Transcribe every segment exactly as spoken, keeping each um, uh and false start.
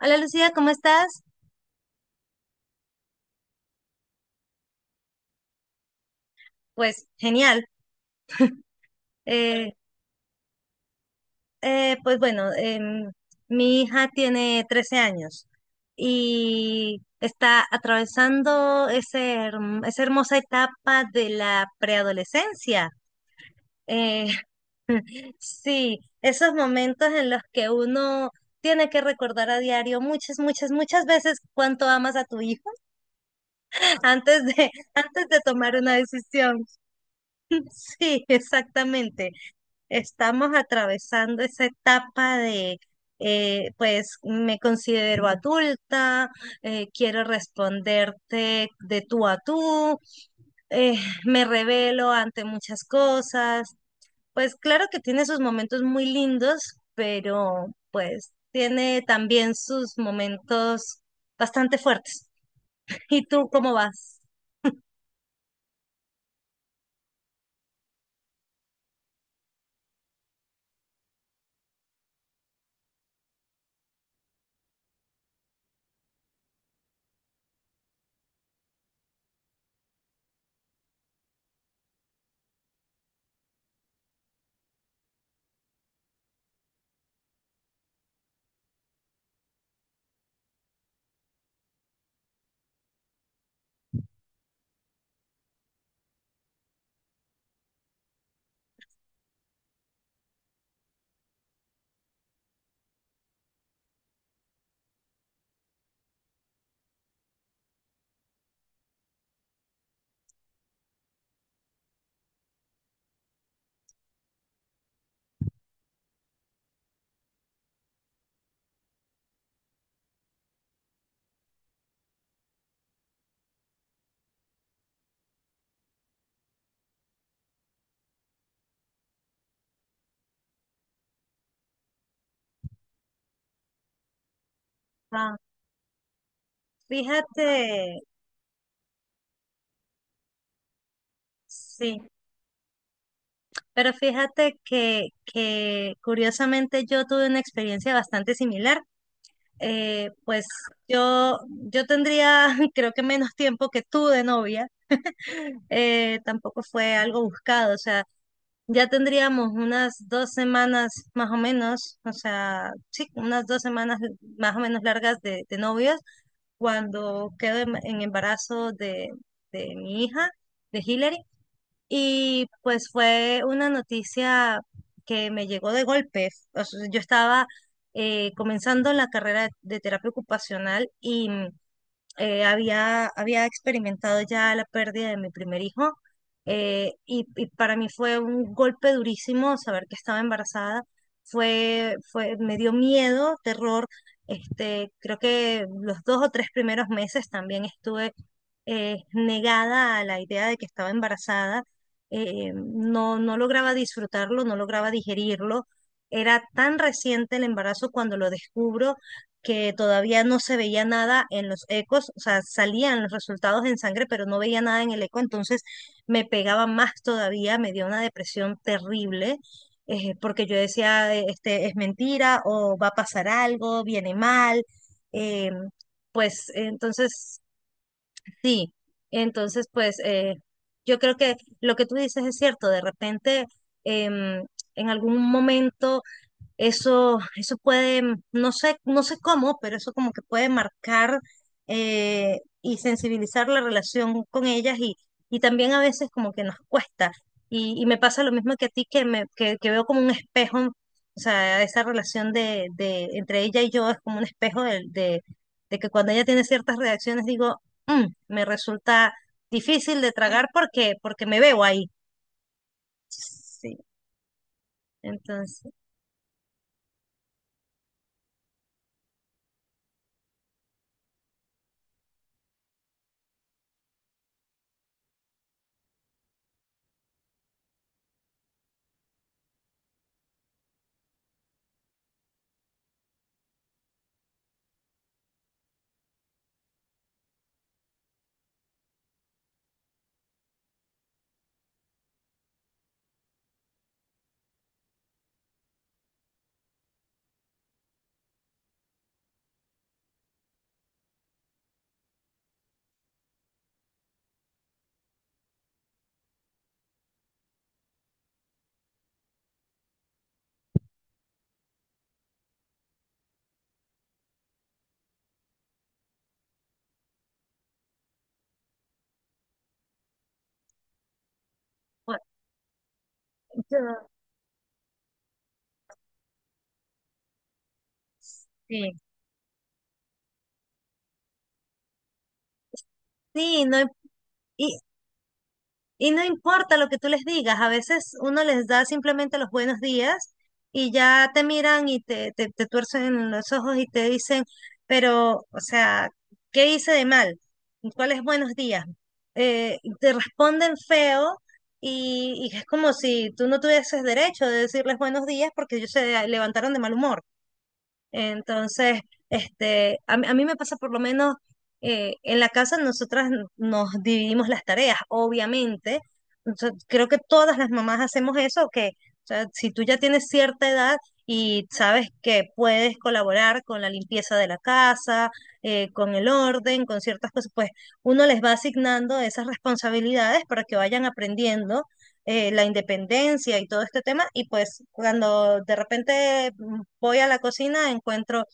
Hola Lucía, ¿cómo estás? Pues genial. Eh, eh, pues bueno, em, mi hija tiene trece años y está atravesando ese, herm- esa hermosa etapa de la preadolescencia. Eh, sí, esos momentos en los que uno tiene que recordar a diario muchas, muchas, muchas veces cuánto amas a tu hijo antes de, antes de tomar una decisión. Sí, exactamente. Estamos atravesando esa etapa de, eh, pues me considero adulta, eh, quiero responderte de tú a tú, eh, me revelo ante muchas cosas. Pues claro que tiene sus momentos muy lindos, pero pues tiene también sus momentos bastante fuertes. ¿Y tú cómo vas? Ah, fíjate, sí. Pero fíjate que, que curiosamente yo tuve una experiencia bastante similar. Eh, pues yo, yo tendría creo que menos tiempo que tú de novia. Eh, tampoco fue algo buscado. O sea, ya tendríamos unas dos semanas más o menos. O sea, sí, unas dos semanas más o menos largas de, de novios cuando quedo en en embarazo de, de mi hija, de Hillary. Y pues fue una noticia que me llegó de golpe. O sea, yo estaba eh, comenzando la carrera de, de terapia ocupacional y mm, eh, había, había experimentado ya la pérdida de mi primer hijo. eh, y, y para mí fue un golpe durísimo saber que estaba embarazada. Fue, fue, me dio miedo, terror. Este, creo que los dos o tres primeros meses también estuve eh, negada a la idea de que estaba embarazada, eh, no, no lograba disfrutarlo, no lograba digerirlo. Era tan reciente el embarazo cuando lo descubro que todavía no se veía nada en los ecos, o sea, salían los resultados en sangre, pero no veía nada en el eco, entonces me pegaba más todavía, me dio una depresión terrible, eh, porque yo decía, eh, este, es mentira, o va a pasar algo, viene mal, em, pues entonces. Sí, entonces pues eh, yo creo que lo que tú dices es cierto, de repente em, en algún momento eso, eso puede, mm, no sé, no sé cómo, pero eso como que puede marcar eh, y sensibilizar la relación con ellas y, y también a veces como que nos cuesta. Y, y me pasa lo mismo que a ti, que, me, que, que veo como un espejo, o sea, esa relación de, de entre ella y yo es como un espejo de, de, de que cuando ella tiene ciertas reacciones digo, "Mm, me resulta difícil de tragar porque, porque me veo ahí". Sí, entonces, bueno, yo- sí. Sí, no, y, Y no importa lo que tú les digas, a veces uno les da simplemente los buenos días y ya te miran y te, te, te tuercen los ojos y te dicen, pero, o sea, ¿qué hice de mal? ¿Cuáles buenos días? Eh, te responden feo y, y es como si tú no tuvieses derecho de decirles buenos días porque ellos se levantaron de mal humor. Entonces, este, a, mí a mí me pasa por lo menos eh, en la casa, nosotras n- nos dividimos las tareas, obviamente. O sea, creo que todas las mamás hacemos eso, que o sea, si tú ya tienes cierta edad y sabes que puedes colaborar con la limpieza de la casa, eh, con el orden, con ciertas cosas, pues uno les va asignando esas responsabilidades para que vayan aprendiendo eh, la independencia y todo este tema. Y pues cuando de repente voy a la cocina, encuentro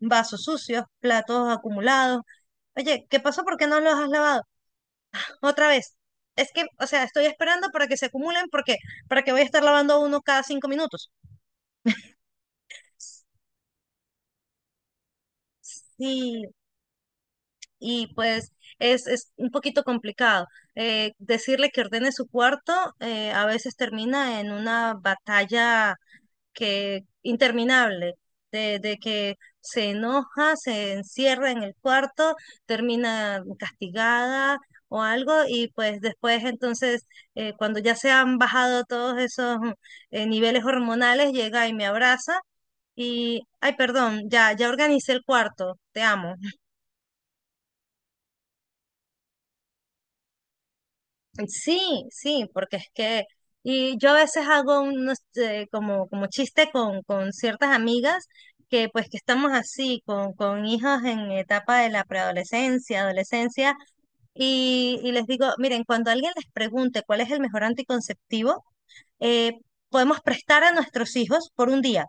vasos sucios, platos acumulados. Oye, ¿qué pasó? ¿Por qué no los has lavado? Otra vez. Es que, o sea, estoy esperando para que se acumulen porque para que voy a estar lavando uno cada cinco minutos. Sí, y pues es, es un poquito complicado. Eh, decirle que ordene su cuarto eh, a veces termina en una batalla que interminable, de, de que se enoja, se encierra en el cuarto, termina castigada o algo, y pues después entonces, eh, cuando ya se han bajado todos esos eh, niveles hormonales, llega y me abraza y, ay, perdón, ya, ya organicé el cuarto, te amo. Sí, sí, porque es que, y yo a veces hago unos, eh, como, como chiste con, con ciertas amigas que pues que estamos así, con, con hijos en etapa de la preadolescencia, adolescencia, y, y les digo, miren, cuando alguien les pregunte cuál es el mejor anticonceptivo, eh, podemos prestar a nuestros hijos por un día.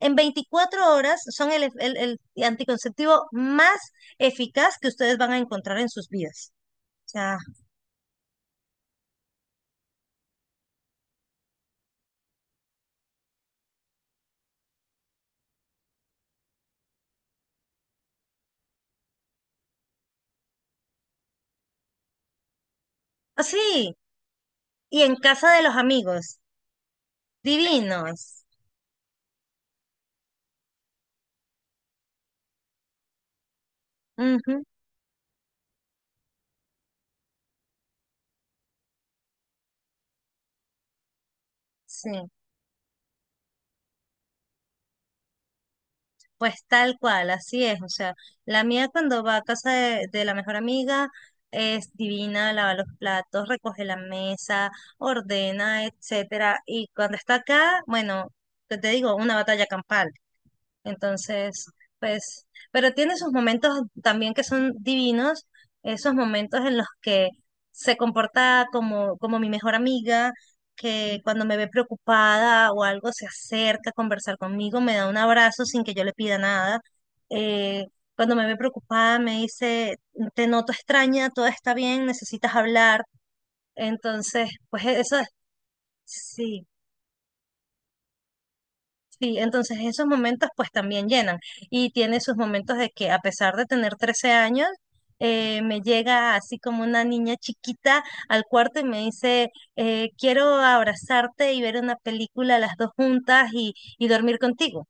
En veinticuatro horas son el, el el anticonceptivo más eficaz que ustedes van a encontrar en sus vidas. O sea, así. Y en casa de los amigos, divinos. Ujú, sí, pues tal cual, así es. O sea, la mía cuando va a casa de, de la mejor amiga es divina, lava los platos, recoge la mesa, ordena, etcétera. Y cuando está acá, bueno, ¿qué te digo? Una batalla campal. Entonces, pues, pero tiene sus momentos también que son divinos, esos momentos en los que se comporta como, como mi mejor amiga, que cuando me ve preocupada o algo se acerca a conversar conmigo, me da un abrazo sin que yo le pida nada. Eh, Cuando me ve preocupada me dice, te noto extraña, todo está bien, necesitas hablar. Entonces, pues eso, sí. Sí, entonces esos momentos pues también llenan y tiene sus momentos de que a pesar de tener trece años, eh, me llega así como una niña chiquita al cuarto y me dice, eh, quiero abrazarte y ver una película las dos juntas y, y dormir contigo.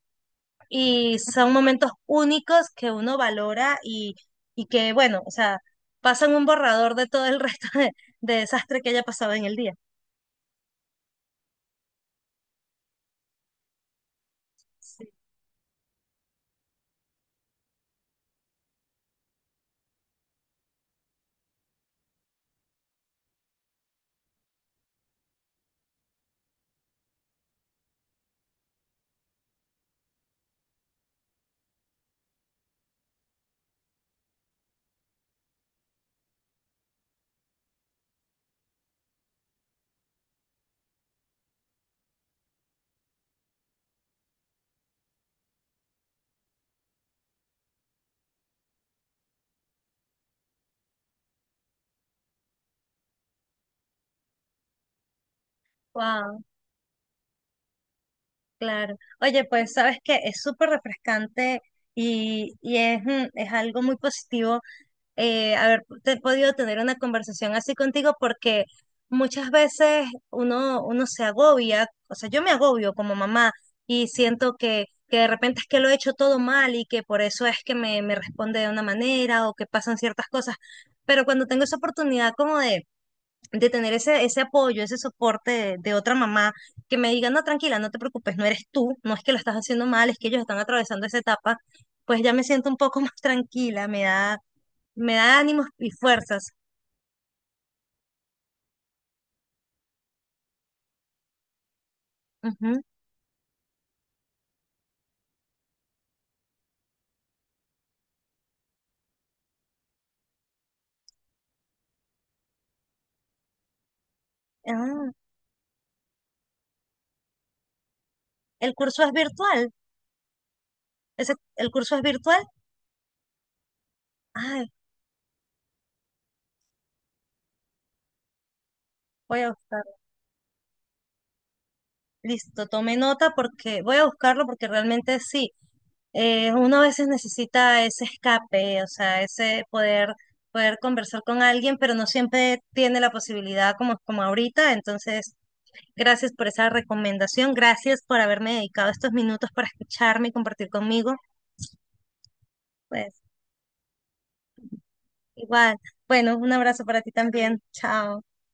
Y son momentos únicos que uno valora y, y que, bueno, o sea, pasan un borrador de todo el resto de, de desastre que haya pasado en el día. Sí. Wow. Claro. Oye, pues sabes que es súper refrescante y, y es, mm, es algo muy positivo eh, haber te- podido tener una conversación así contigo porque muchas veces uno, uno se agobia, o sea, yo me agobio como mamá y siento que, que de repente es que lo he hecho todo mal y que por eso es que me, me responde de una manera o que pasan ciertas cosas. Pero cuando tengo esa oportunidad como de de tener ese, ese apoyo, ese soporte de, de otra mamá que me diga, no, tranquila, no te preocupes, no eres tú, no es que lo estás haciendo mal, es que ellos están atravesando esa etapa, pues ya me siento un poco más tranquila, me da, me da ánimos y fuerzas. Ujú. Ah, el curso es virtual, ese, el curso es virtual. Ay, voy a buscarlo. Listo, tome nota porque voy a buscarlo porque realmente sí, eh, uno a veces necesita ese escape, o sea, ese poder, poder, conversar con alguien, pero no siempre tiene la posibilidad como, como ahorita. Entonces, gracias por esa recomendación, gracias por haberme dedicado estos minutos para escucharme y compartir conmigo. Pues igual, bueno, un abrazo para ti también. Chao.